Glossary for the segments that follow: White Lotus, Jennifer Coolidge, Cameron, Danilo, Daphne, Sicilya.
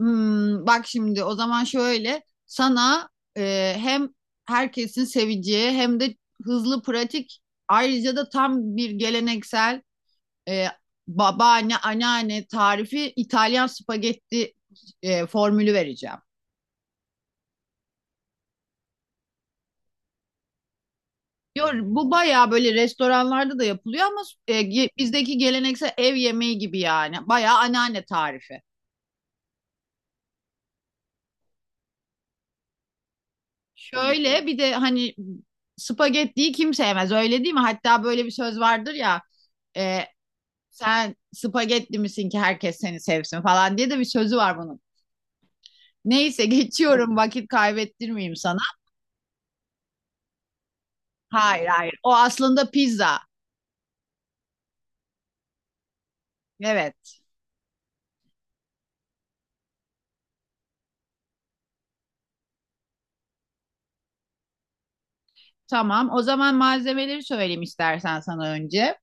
Hmm. Bak şimdi o zaman şöyle sana, hem herkesin seveceği hem de hızlı pratik, ayrıca da tam bir geleneksel e, babaanne anneanne tarifi İtalyan spagetti formülü vereceğim. Diyor, bu bayağı böyle restoranlarda da yapılıyor ama bizdeki geleneksel ev yemeği gibi, yani bayağı anneanne tarifi. Şöyle bir de, hani spagettiyi kim sevmez, öyle değil mi? Hatta böyle bir söz vardır ya. E, sen spagetti misin ki herkes seni sevsin falan diye de bir sözü var bunun. Neyse, geçiyorum, vakit kaybettirmeyeyim sana. Hayır hayır, o aslında pizza. Evet, tamam. O zaman malzemeleri söyleyeyim istersen sana önce.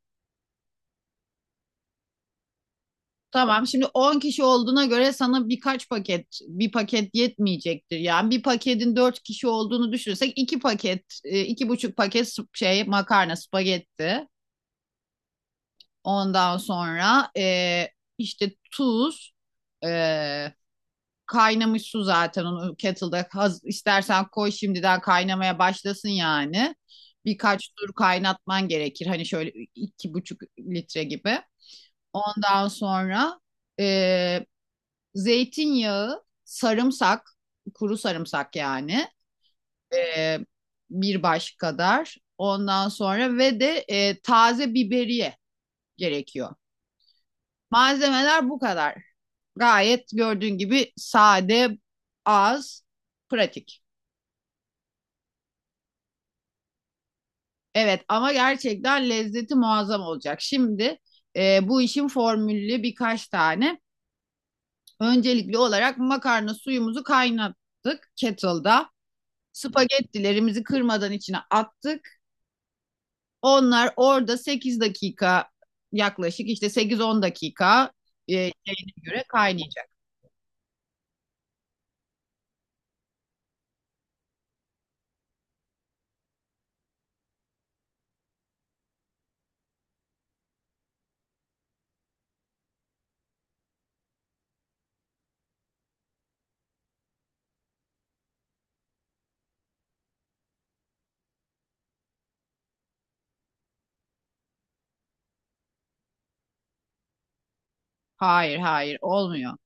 Tamam, şimdi 10 kişi olduğuna göre sana birkaç paket, bir paket yetmeyecektir. Yani bir paketin 4 kişi olduğunu düşünürsek 2 paket, 2,5 paket şey makarna spagetti. Ondan sonra işte tuz, e, kaynamış su, zaten onu kettle'da istersen koy şimdiden kaynamaya başlasın yani. Birkaç tur kaynatman gerekir. Hani şöyle 2,5 litre gibi. Ondan sonra e, zeytinyağı, sarımsak, kuru sarımsak yani e, bir baş kadar. Ondan sonra ve de taze biberiye gerekiyor. Malzemeler bu kadar. Gayet gördüğün gibi sade, az, pratik. Evet, ama gerçekten lezzeti muazzam olacak. Şimdi bu işin formülü birkaç tane. Öncelikli olarak makarna suyumuzu kaynattık kettle'da. Spagettilerimizi kırmadan içine attık. Onlar orada 8 dakika, yaklaşık işte 8-10 dakika şeyine göre kaynayacak. Hayır hayır, olmuyor.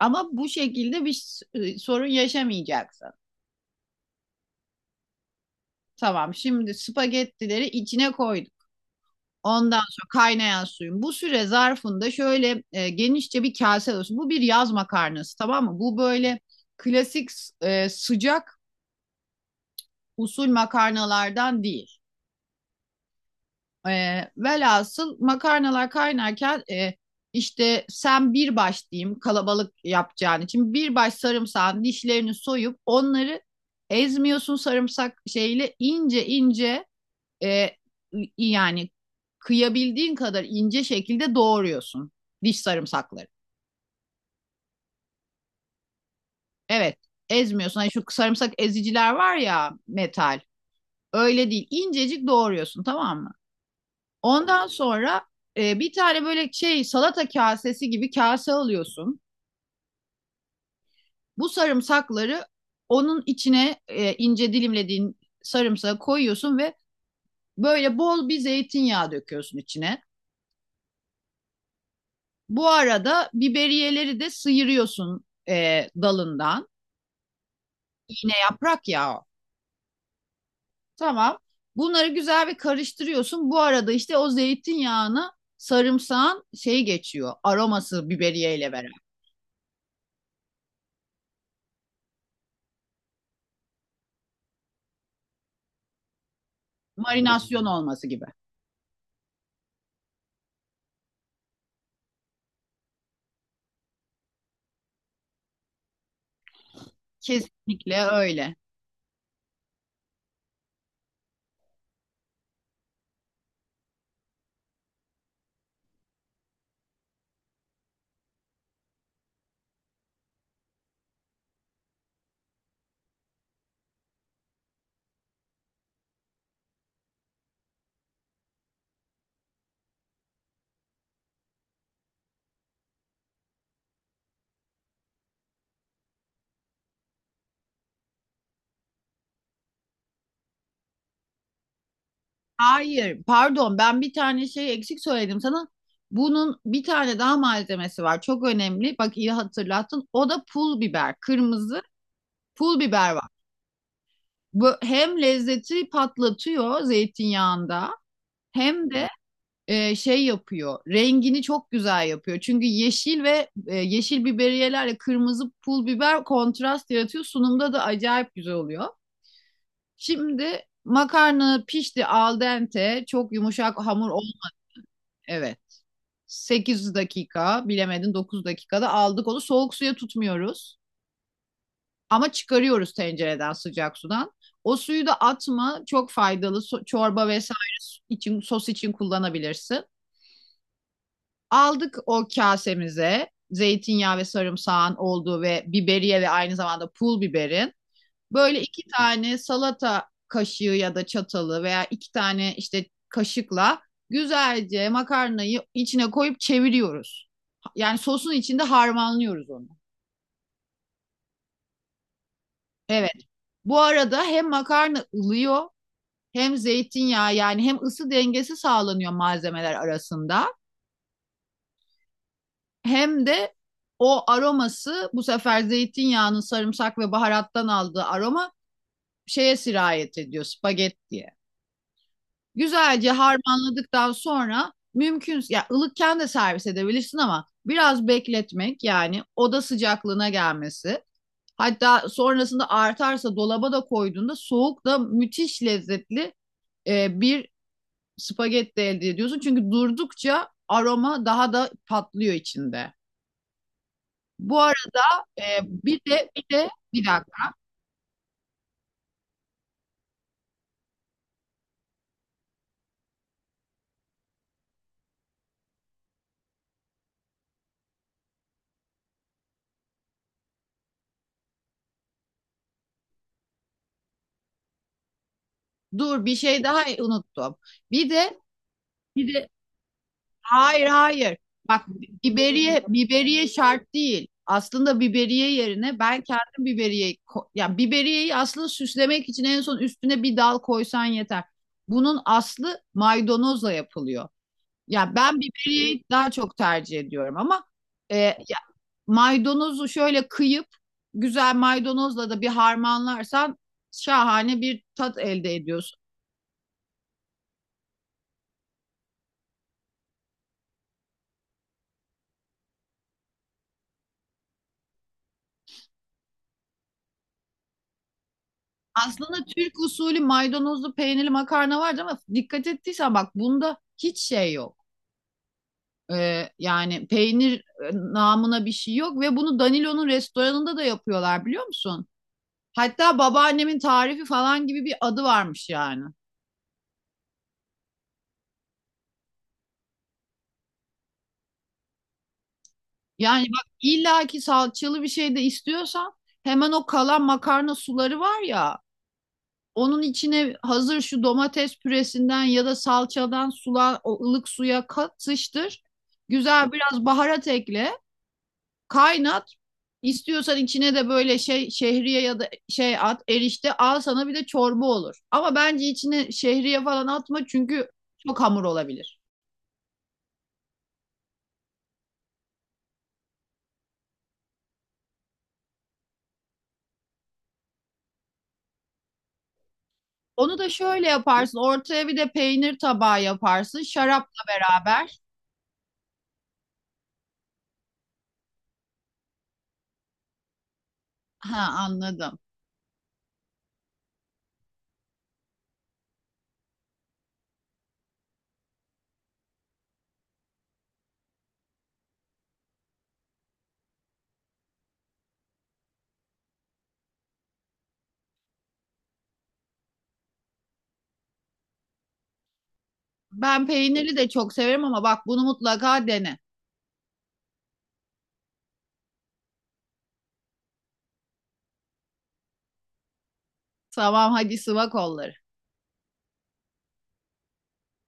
Ama bu şekilde bir sorun yaşamayacaksın. Tamam, şimdi spagettileri içine koyduk. Ondan sonra kaynayan suyun. Bu süre zarfında şöyle genişçe bir kase olsun. Bu bir yaz makarnası, tamam mı? Bu böyle klasik, sıcak usul makarnalardan değil. E, velhasıl makarnalar kaynarken işte sen bir baş diyeyim, kalabalık yapacağın için bir baş sarımsağın dişlerini soyup onları ezmiyorsun, sarımsak şeyle ince ince, e, yani kıyabildiğin kadar ince şekilde doğruyorsun diş sarımsakları. Evet, ezmiyorsun. Hani şu sarımsak eziciler var ya, metal. Öyle değil. İncecik doğruyorsun, tamam mı? Ondan sonra bir tane böyle şey salata kasesi gibi kase alıyorsun. Bu sarımsakları onun içine, ince dilimlediğin sarımsağı koyuyorsun ve böyle bol bir zeytinyağı döküyorsun içine. Bu arada biberiyeleri de sıyırıyorsun dalından. İğne yaprak ya o. Tamam. Bunları güzel bir karıştırıyorsun. Bu arada işte o zeytinyağını sarımsağın şey geçiyor. Aroması biberiye beraber. Marinasyon olması gibi. Kesinlikle öyle. Hayır, pardon, ben bir tane şey eksik söyledim sana. Bunun bir tane daha malzemesi var. Çok önemli. Bak, iyi hatırlattın. O da pul biber. Kırmızı pul biber var. Bu hem lezzeti patlatıyor zeytinyağında, hem de şey yapıyor. Rengini çok güzel yapıyor. Çünkü yeşil ve yeşil biberiyelerle kırmızı pul biber kontrast yaratıyor. Sunumda da acayip güzel oluyor. Şimdi makarna pişti, al dente. Çok yumuşak hamur ol. Evet. 8 dakika, bilemedin 9 dakikada aldık onu. Soğuk suya tutmuyoruz. Ama çıkarıyoruz tencereden, sıcak sudan. O suyu da atma, çok faydalı. Çorba vesaire için, sos için kullanabilirsin. Aldık o kasemize, zeytinyağı ve sarımsağın olduğu ve biberiye ve aynı zamanda pul biberin. Böyle iki tane salata kaşığı ya da çatalı, veya iki tane işte kaşıkla güzelce makarnayı içine koyup çeviriyoruz. Yani sosun içinde harmanlıyoruz onu. Evet. Bu arada hem makarna ılıyor, hem zeytinyağı yani, hem ısı dengesi sağlanıyor malzemeler arasında, hem de o aroması bu sefer zeytinyağının sarımsak ve baharattan aldığı aroma şeye sirayet ediyor, spagettiye. Güzelce harmanladıktan sonra mümkün ya, ılıkken de servis edebilirsin ama biraz bekletmek, yani oda sıcaklığına gelmesi, hatta sonrasında artarsa dolaba da koyduğunda soğuk da müthiş lezzetli bir spagetti elde ediyorsun. Çünkü durdukça aroma daha da patlıyor içinde. Bu arada bir de bir dakika. Dur, bir şey daha unuttum. Bir de bir de hayır hayır. Bak, biberiye biberiye şart değil. Aslında biberiye yerine ben kendim biberiye ya biberiyeyi aslında süslemek için en son üstüne bir dal koysan yeter. Bunun aslı maydanozla yapılıyor. Ya ben biberiyeyi daha çok tercih ediyorum ama e, maydanozu şöyle kıyıp güzel maydanozla da bir harmanlarsan şahane bir tat elde ediyorsun. Aslında Türk usulü maydanozlu peynirli makarna vardı ama dikkat ettiysen bak, bunda hiç şey yok. Yani peynir namına bir şey yok ve bunu Danilo'nun restoranında da yapıyorlar, biliyor musun? Hatta babaannemin tarifi falan gibi bir adı varmış yani. Yani bak, illaki salçalı bir şey de istiyorsan, hemen o kalan makarna suları var ya, onun içine hazır şu domates püresinden ya da salçadan sula, ılık suya katıştır. Güzel biraz baharat ekle. Kaynat. İstiyorsan içine de böyle şey şehriye ya da şey at, erişte, al sana bir de çorba olur. Ama bence içine şehriye falan atma çünkü çok hamur olabilir. Onu da şöyle yaparsın. Ortaya bir de peynir tabağı yaparsın, şarapla beraber. Ha, anladım. Ben peyniri de çok severim ama bak, bunu mutlaka dene. Tamam, hadi sıva kolları.